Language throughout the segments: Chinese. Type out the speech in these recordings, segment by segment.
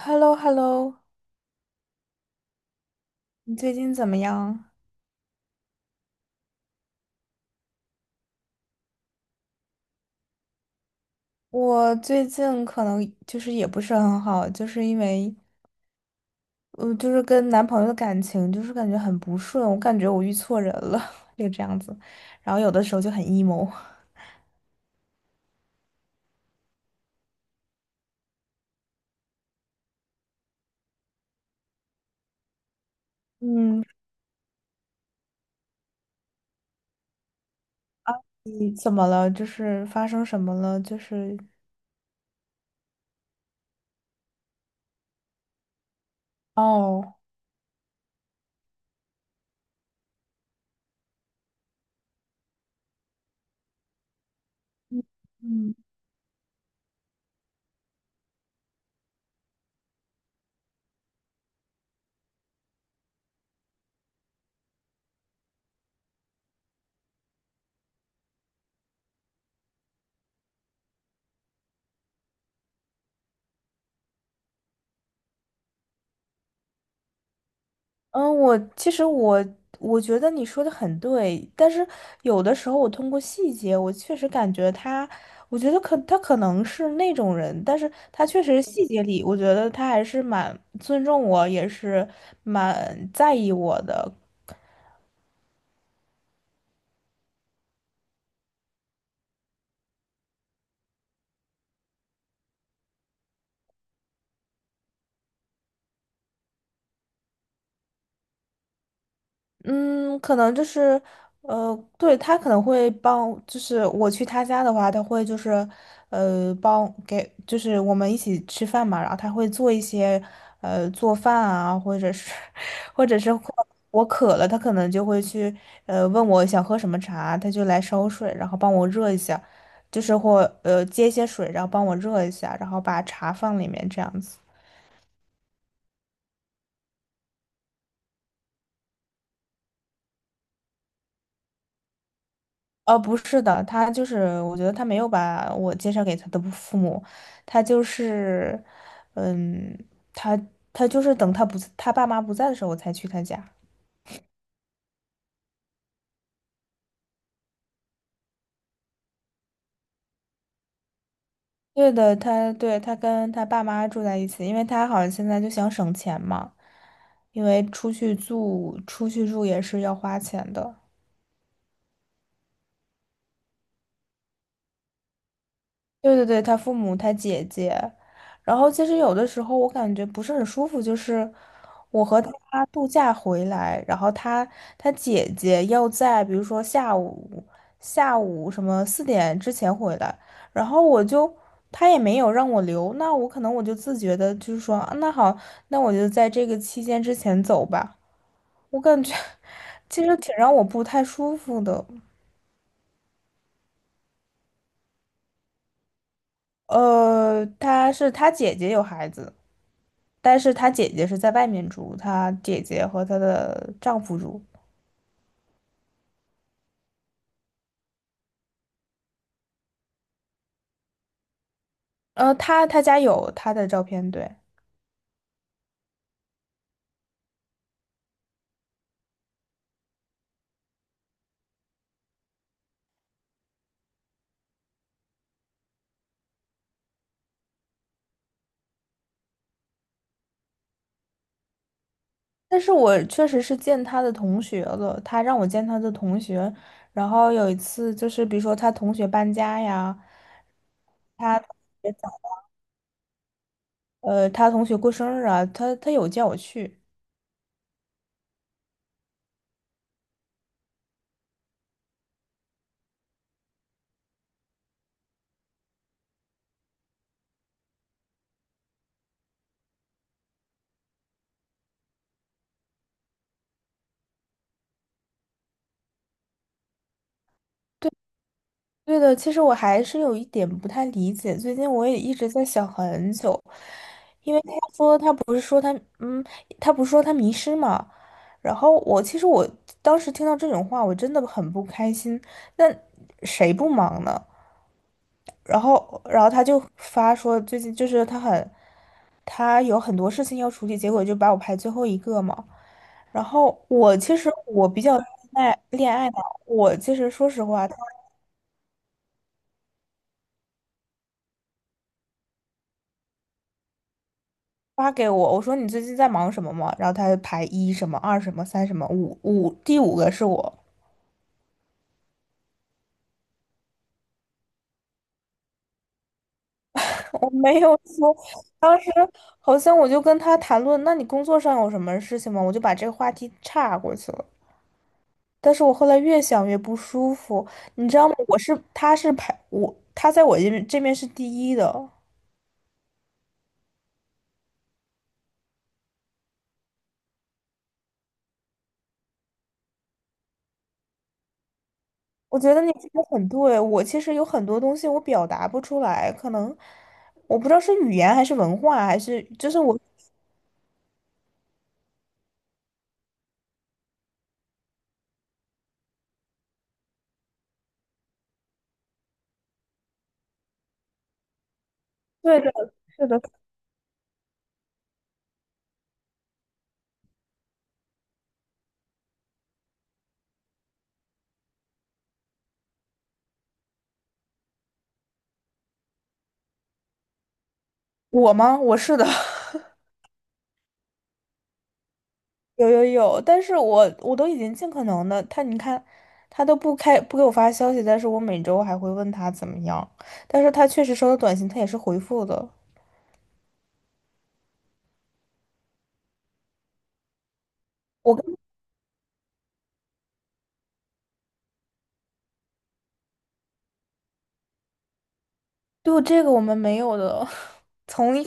H E L L O H E L L O。 你最近怎么样？我最近可能就是也不是很好，就是因为，嗯，就是跟男朋友的感情就是感觉很不顺，我感觉我遇错人了，就这样子，然后有的时候就很 emo。嗯，你怎么了？就是发生什么了？就是，哦，嗯。嗯，我其实，我觉得你说的很对，但是有的时候我通过细节，我确实感觉他，我觉得他可能是那种人，但是他确实细节里，我觉得他还是蛮尊重我，也是蛮在意我的。嗯，可能就是，对，他可能会帮，就是我去他家的话，他会就是，就是我们一起吃饭嘛，然后他会做一些，做饭啊，或者是，或者是会我渴了，他可能就会去，问我想喝什么茶，他就来烧水，然后帮我热一下，就是接一些水，然后帮我热一下，然后把茶放里面这样子。哦，不是的，他就是，我觉得他没有把我介绍给他的父母，他就是，嗯，他他就是等他爸妈不在的时候，我才去他家。对的，他跟他爸妈住在一起，因为他好像现在就想省钱嘛，因为出去住也是要花钱的。对对对，他父母，他姐姐，然后其实有的时候我感觉不是很舒服，就是我和他度假回来，然后他姐姐要在比如说下午什么4点之前回来，然后他也没有让我留，那我可能我就自觉的就是说，啊那好，那我就在这个期间之前走吧，我感觉 其实挺让我不太舒服的，他姐姐有孩子。但是她姐姐是在外面住，她姐姐和她的丈夫住。她家有她的照片，对。但是我确实是见她的同学了，她让我见她的同学。然后有一次就是，比如说她同学搬家呀，她同学她同学过生日啊，她有叫我去。对的，其实我还是有一点不太理解，最近我也一直在想很久，因为他说他不是说他嗯，他不是说他迷失嘛，然后我其实，我当时听到这种话，我真的很不开心。那谁不忙呢？然后他就发说最近就是他有很多事情要处理，结果就把我排最后一个嘛。然后我其实，我比较恋爱脑，我其实说实话。发给我，我说你最近在忙什么吗？然后他就排一什么二什么三什么五，第五个是我，我没有说，当时好像我就跟他谈论，那你工作上有什么事情吗？我就把这个话题岔过去了。但是我后来越想越不舒服，你知道吗？他是排我，他在我这边是第一的。我觉得你说的很对，我其实有很多东西我表达不出来，可能我不知道是语言还是文化，还是就是我。对的，是的。我吗？我是的，有有有，但是我都已经尽可能的，他你看，他都不给我发消息，但是我每周还会问他怎么样，但是他确实收到短信，他也是回复的。我就这个我们没有的，从一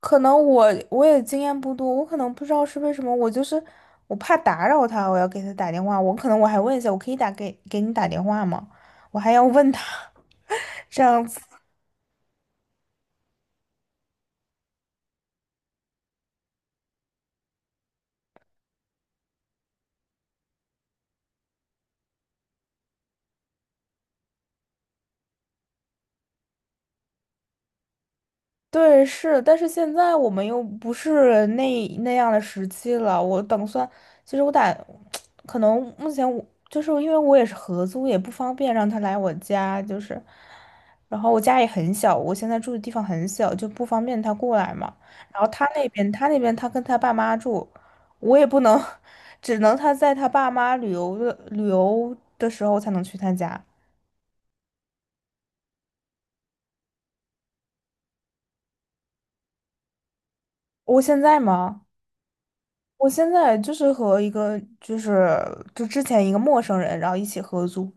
可能我也经验不多，我可能不知道是为什么，我就是我怕打扰他，我要给他打电话，我可能我还问一下，我可以给你打电话吗？我还要问他 这样子。对，是，但是现在我们又不是那样的时期了。我打算，其实我打，可能目前我就是因为我也是合租，也不方便让他来我家，就是，然后我家也很小，我现在住的地方很小，就不方便他过来嘛。然后他那边他跟他爸妈住，我也不能，只能他在他爸妈旅游的时候才能去他家。我现在吗？我现在就是和一个就是之前一个陌生人，然后一起合租，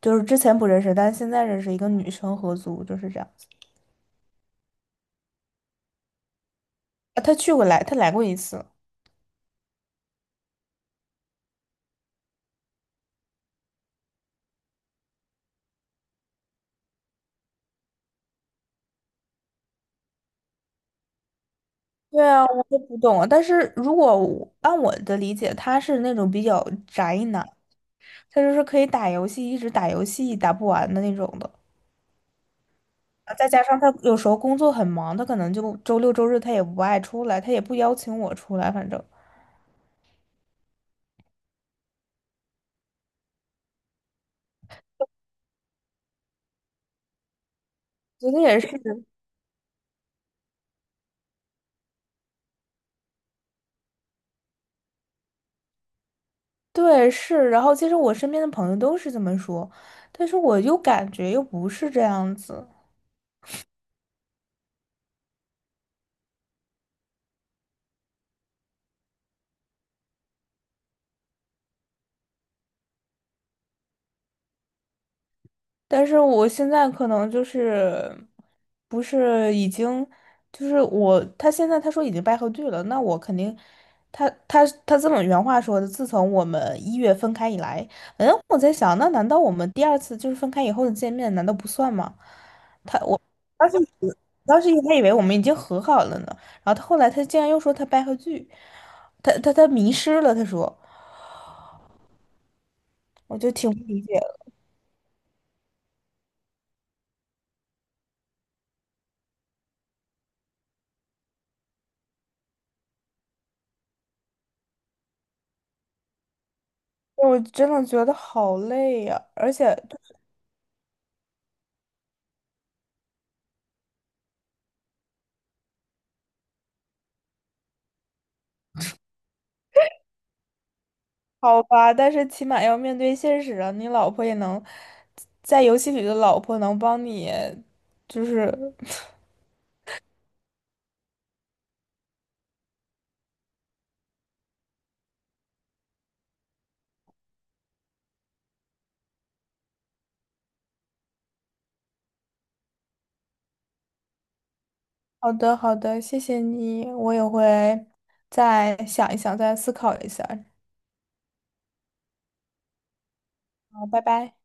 就是之前不认识，但是现在认识一个女生合租，就是这样子。啊，她来过一次。对啊，我都不懂啊。但是如果我按我的理解，他是那种比较宅男，他就是可以打游戏，一直打游戏打不完的那种的。啊再加上他有时候工作很忙，他可能就周六周日他也不爱出来，他也不邀请我出来，反正。昨天也是。对，是，然后其实我身边的朋友都是这么说，但是我又感觉又不是这样子，但是我现在可能就是不是已经就是我他现在他说已经掰回剧了，那我肯定他这么原话说的，自从我们1月分开以来，我在想，那难道我们第二次就是分开以后的见面，难道不算吗？当时以当时还以为我们已经和好了呢，然后他后来他竟然又说他掰回剧，他迷失了，他说，我就挺不理解的，我真的觉得好累呀、而且好吧，但是起码要面对现实啊，你老婆也能在游戏里的老婆能帮你，就是 好的好的，谢谢你，我也会再想一想，再思考一下，好，拜拜。